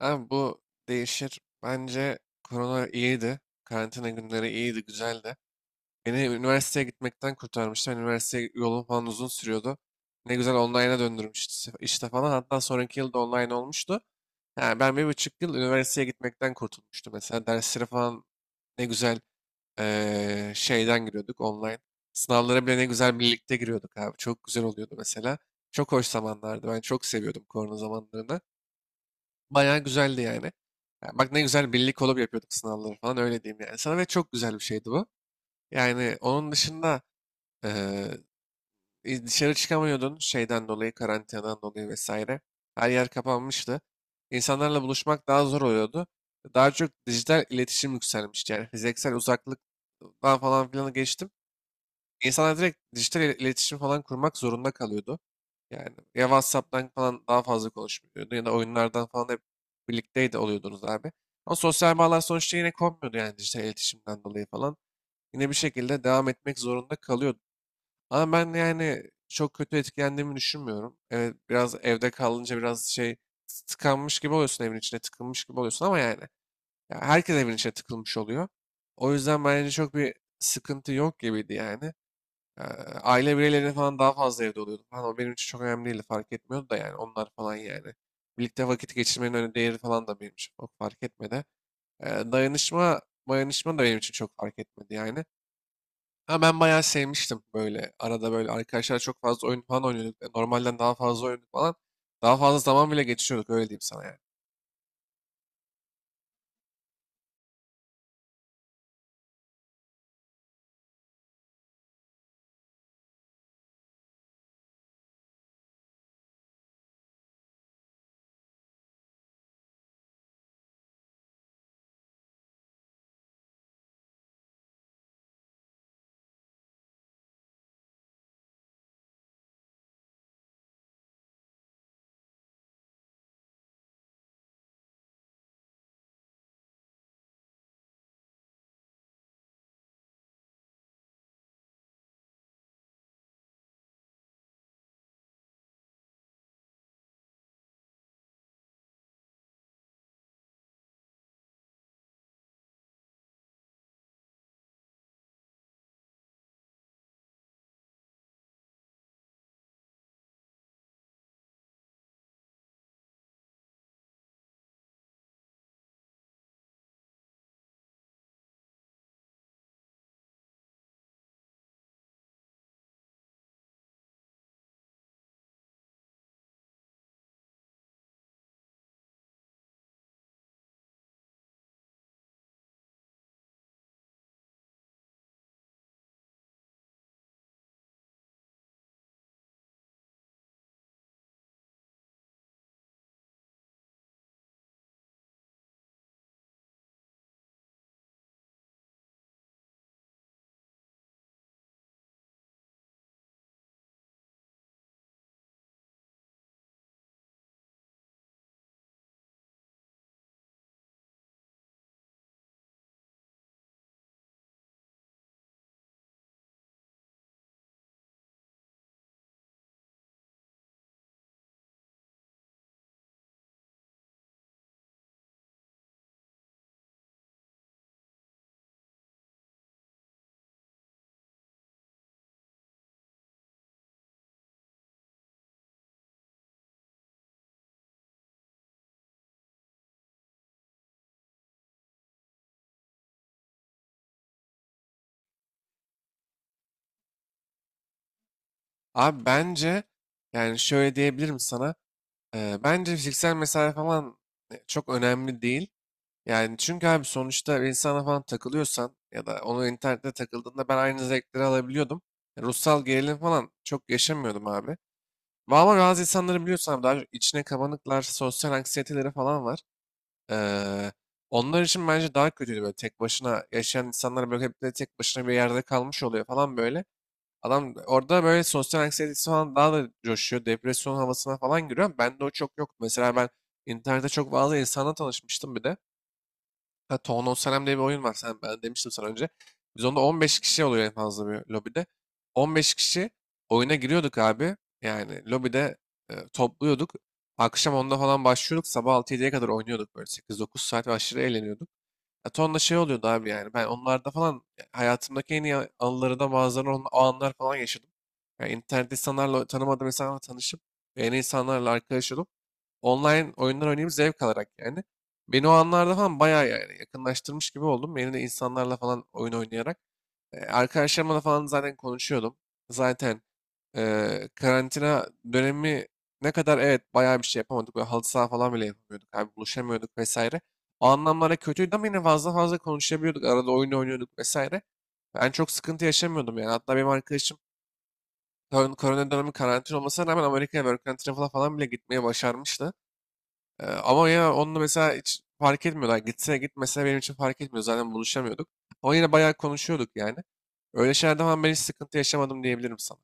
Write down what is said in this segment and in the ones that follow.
Abi bu değişir. Bence korona iyiydi. Karantina günleri iyiydi, güzeldi. Beni üniversiteye gitmekten kurtarmıştı. Ben üniversite yolum falan uzun sürüyordu. Ne güzel online'a döndürmüştü işte falan. Hatta sonraki yıl da online olmuştu. Yani ben bir buçuk yıl üniversiteye gitmekten kurtulmuştum. Mesela derslere falan ne güzel şeyden giriyorduk online. Sınavlara bile ne güzel birlikte giriyorduk abi. Çok güzel oluyordu mesela. Çok hoş zamanlardı. Ben çok seviyordum korona zamanlarını. Bayağı güzeldi yani. Ya bak ne güzel birlik kolab yapıyorduk sınavları falan öyle diyeyim yani. Sana ve çok güzel bir şeydi bu. Yani onun dışında eee, dışarı çıkamıyordun şeyden dolayı, karantinadan dolayı vesaire. Her yer kapanmıştı. İnsanlarla buluşmak daha zor oluyordu. Daha çok dijital iletişim yükselmişti. Yani fiziksel uzaklıktan falan filan geçtim. İnsanlar direkt iletişim falan kurmak zorunda kalıyordu. Yani ya WhatsApp'tan falan daha fazla konuşmuyordu ya da oyunlardan falan hep birlikteydi oluyordunuz abi. Ama sosyal bağlar sonuçta yine kopmuyordu yani dijital iletişimden dolayı falan. Yine bir şekilde devam etmek zorunda kalıyordu. Ama ben yani çok kötü etkilendiğimi düşünmüyorum. Evet biraz evde kalınca biraz şey tıkanmış gibi oluyorsun evin içine tıkılmış gibi oluyorsun ama yani, ya herkes evin içine tıkılmış oluyor. O yüzden bence çok bir sıkıntı yok gibiydi yani. Ee, Aile bireyleri falan daha fazla evde oluyordu falan. O benim için çok önemli değildi. Fark etmiyordu da yani onlar falan yani. Birlikte vakit geçirmenin öyle değeri falan da benim için çok fark etmedi. Ee, Dayanışma, dayanışma da benim için çok fark etmedi yani. Ama ben bayağı sevmiştim böyle. Arada böyle arkadaşlar çok fazla oyun falan oynuyorduk. E, normalden daha fazla oynuyorduk falan. Daha fazla zaman bile geçiriyorduk öyle diyeyim sana yani. Abi bence yani şöyle diyebilirim sana. Bence fiziksel mesafe falan çok önemli değil. Yani çünkü abi sonuçta bir insana falan takılıyorsan ya da onu internette takıldığında ben aynı zevkleri alabiliyordum. E, ruhsal gerilim falan çok yaşamıyordum abi. Ama bazı insanları biliyorsam daha çok içine kabanıklar, sosyal anksiyeteleri falan var. Ee, Onlar için bence daha kötüydü böyle tek başına yaşayan insanlar böyle hep de tek başına bir yerde kalmış oluyor falan böyle. Adam orada böyle sosyal anksiyetesi falan daha da coşuyor. Depresyon havasına falan giriyor. Bende o çok yok. Mesela ben internette çok fazla insanla tanışmıştım bir de. Ha, Town of Salem diye bir oyun var. Sen, ben demiştim sana önce. Biz onda 15 kişi oluyor en fazla bir lobide. 15 kişi oyuna giriyorduk abi. Yani lobide topluyorduk. Akşam onda falan başlıyorduk. Sabah 6-7'ye kadar oynuyorduk böyle 8-9 saat ve aşırı eğleniyorduk. Ya tonla şey oluyordu abi yani. Ben onlarda falan ya, hayatımdaki anıları da o anlar falan yaşadım. Yani internette insanlarla tanımadığım insanlarla tanışıp yeni insanlarla arkadaş olup online oyunlar oynayıp zevk alarak yani. Beni o anlarda falan bayağı yani yakınlaştırmış gibi oldum. Yeni de insanlarla falan oyun oynayarak. E, arkadaşlarımla da falan zaten konuşuyordum. Zaten karantina dönemi ne kadar evet bayağı bir şey yapamadık. Böyle halı saha falan bile yapamıyorduk. Abi buluşamıyorduk vesaire. O anlamlara kötüydü ama yine fazla fazla konuşabiliyorduk. Arada oyun oynuyorduk vesaire. Ben çok sıkıntı yaşamıyordum yani. Hatta benim arkadaşım korona dönemi karantina olmasına rağmen Amerika'ya work and travel'a falan bile gitmeye başarmıştı. Ama ya onunla mesela hiç fark etmiyorlar. Gitse gitmese benim için fark etmiyor. Zaten buluşamıyorduk. Ama yine bayağı konuşuyorduk yani. Öyle şeylerden falan ben hiç sıkıntı yaşamadım diyebilirim sana.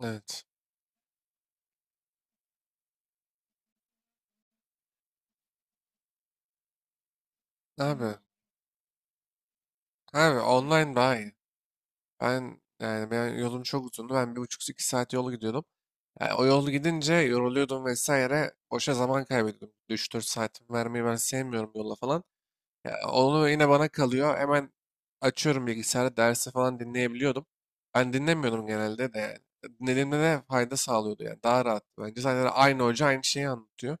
Evet. Abi. Abi online daha iyi. Ben yolum çok uzundu. Ben bir buçuk iki saat yolu gidiyordum. Yani o yol gidince yoruluyordum vesaire. Boşa zaman kaybediyordum. 3-4 saatimi vermeyi ben sevmiyorum yola falan. Yani onu yine bana kalıyor. Hemen açıyorum bilgisayarı dersi falan dinleyebiliyordum. Ben dinlemiyordum genelde de yani. Dinlediğimde de fayda sağlıyordu yani. Daha rahat. Bence zaten aynı hoca aynı şeyi anlatıyor.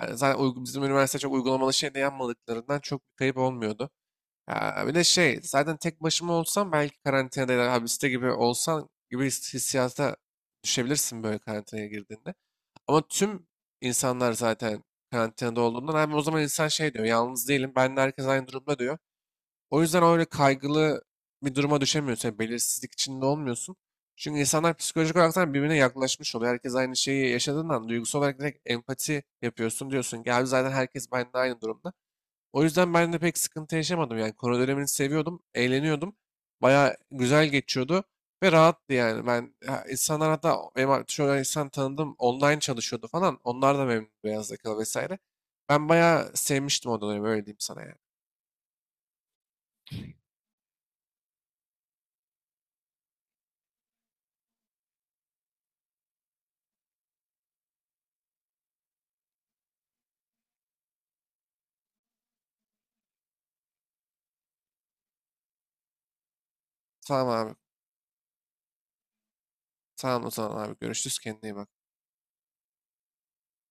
Yani bizim üniversite çok uygulamalı şey de yapmadıklarından çok bir kayıp olmuyordu. Ya bir de şey zaten tek başıma olsam belki karantinada ya da hapiste gibi olsan gibi hissiyata düşebilirsin böyle karantinaya girdiğinde. Ama tüm insanlar zaten karantinada olduğundan abi o zaman insan şey diyor yalnız değilim ben de herkes aynı durumda diyor. O yüzden öyle kaygılı bir duruma düşemiyorsun. Yani belirsizlik içinde olmuyorsun. Çünkü insanlar psikolojik olarak da birbirine yaklaşmış oluyor. Herkes aynı şeyi yaşadığından duygusal olarak direkt empati yapıyorsun diyorsun. Gel zaten herkes benimle aynı durumda. O yüzden ben de pek sıkıntı yaşamadım. Yani korona dönemini seviyordum, eğleniyordum. Bayağı güzel geçiyordu ve rahattı yani. Ben ha, insanlar hatta benim ar- insan tanıdım online çalışıyordu falan. Onlar da memnun beyaz yakalı vesaire. Ben bayağı sevmiştim o dönemi öyle diyeyim sana yani. Tamam abi. Tamam o zaman abi görüşürüz kendine iyi bak.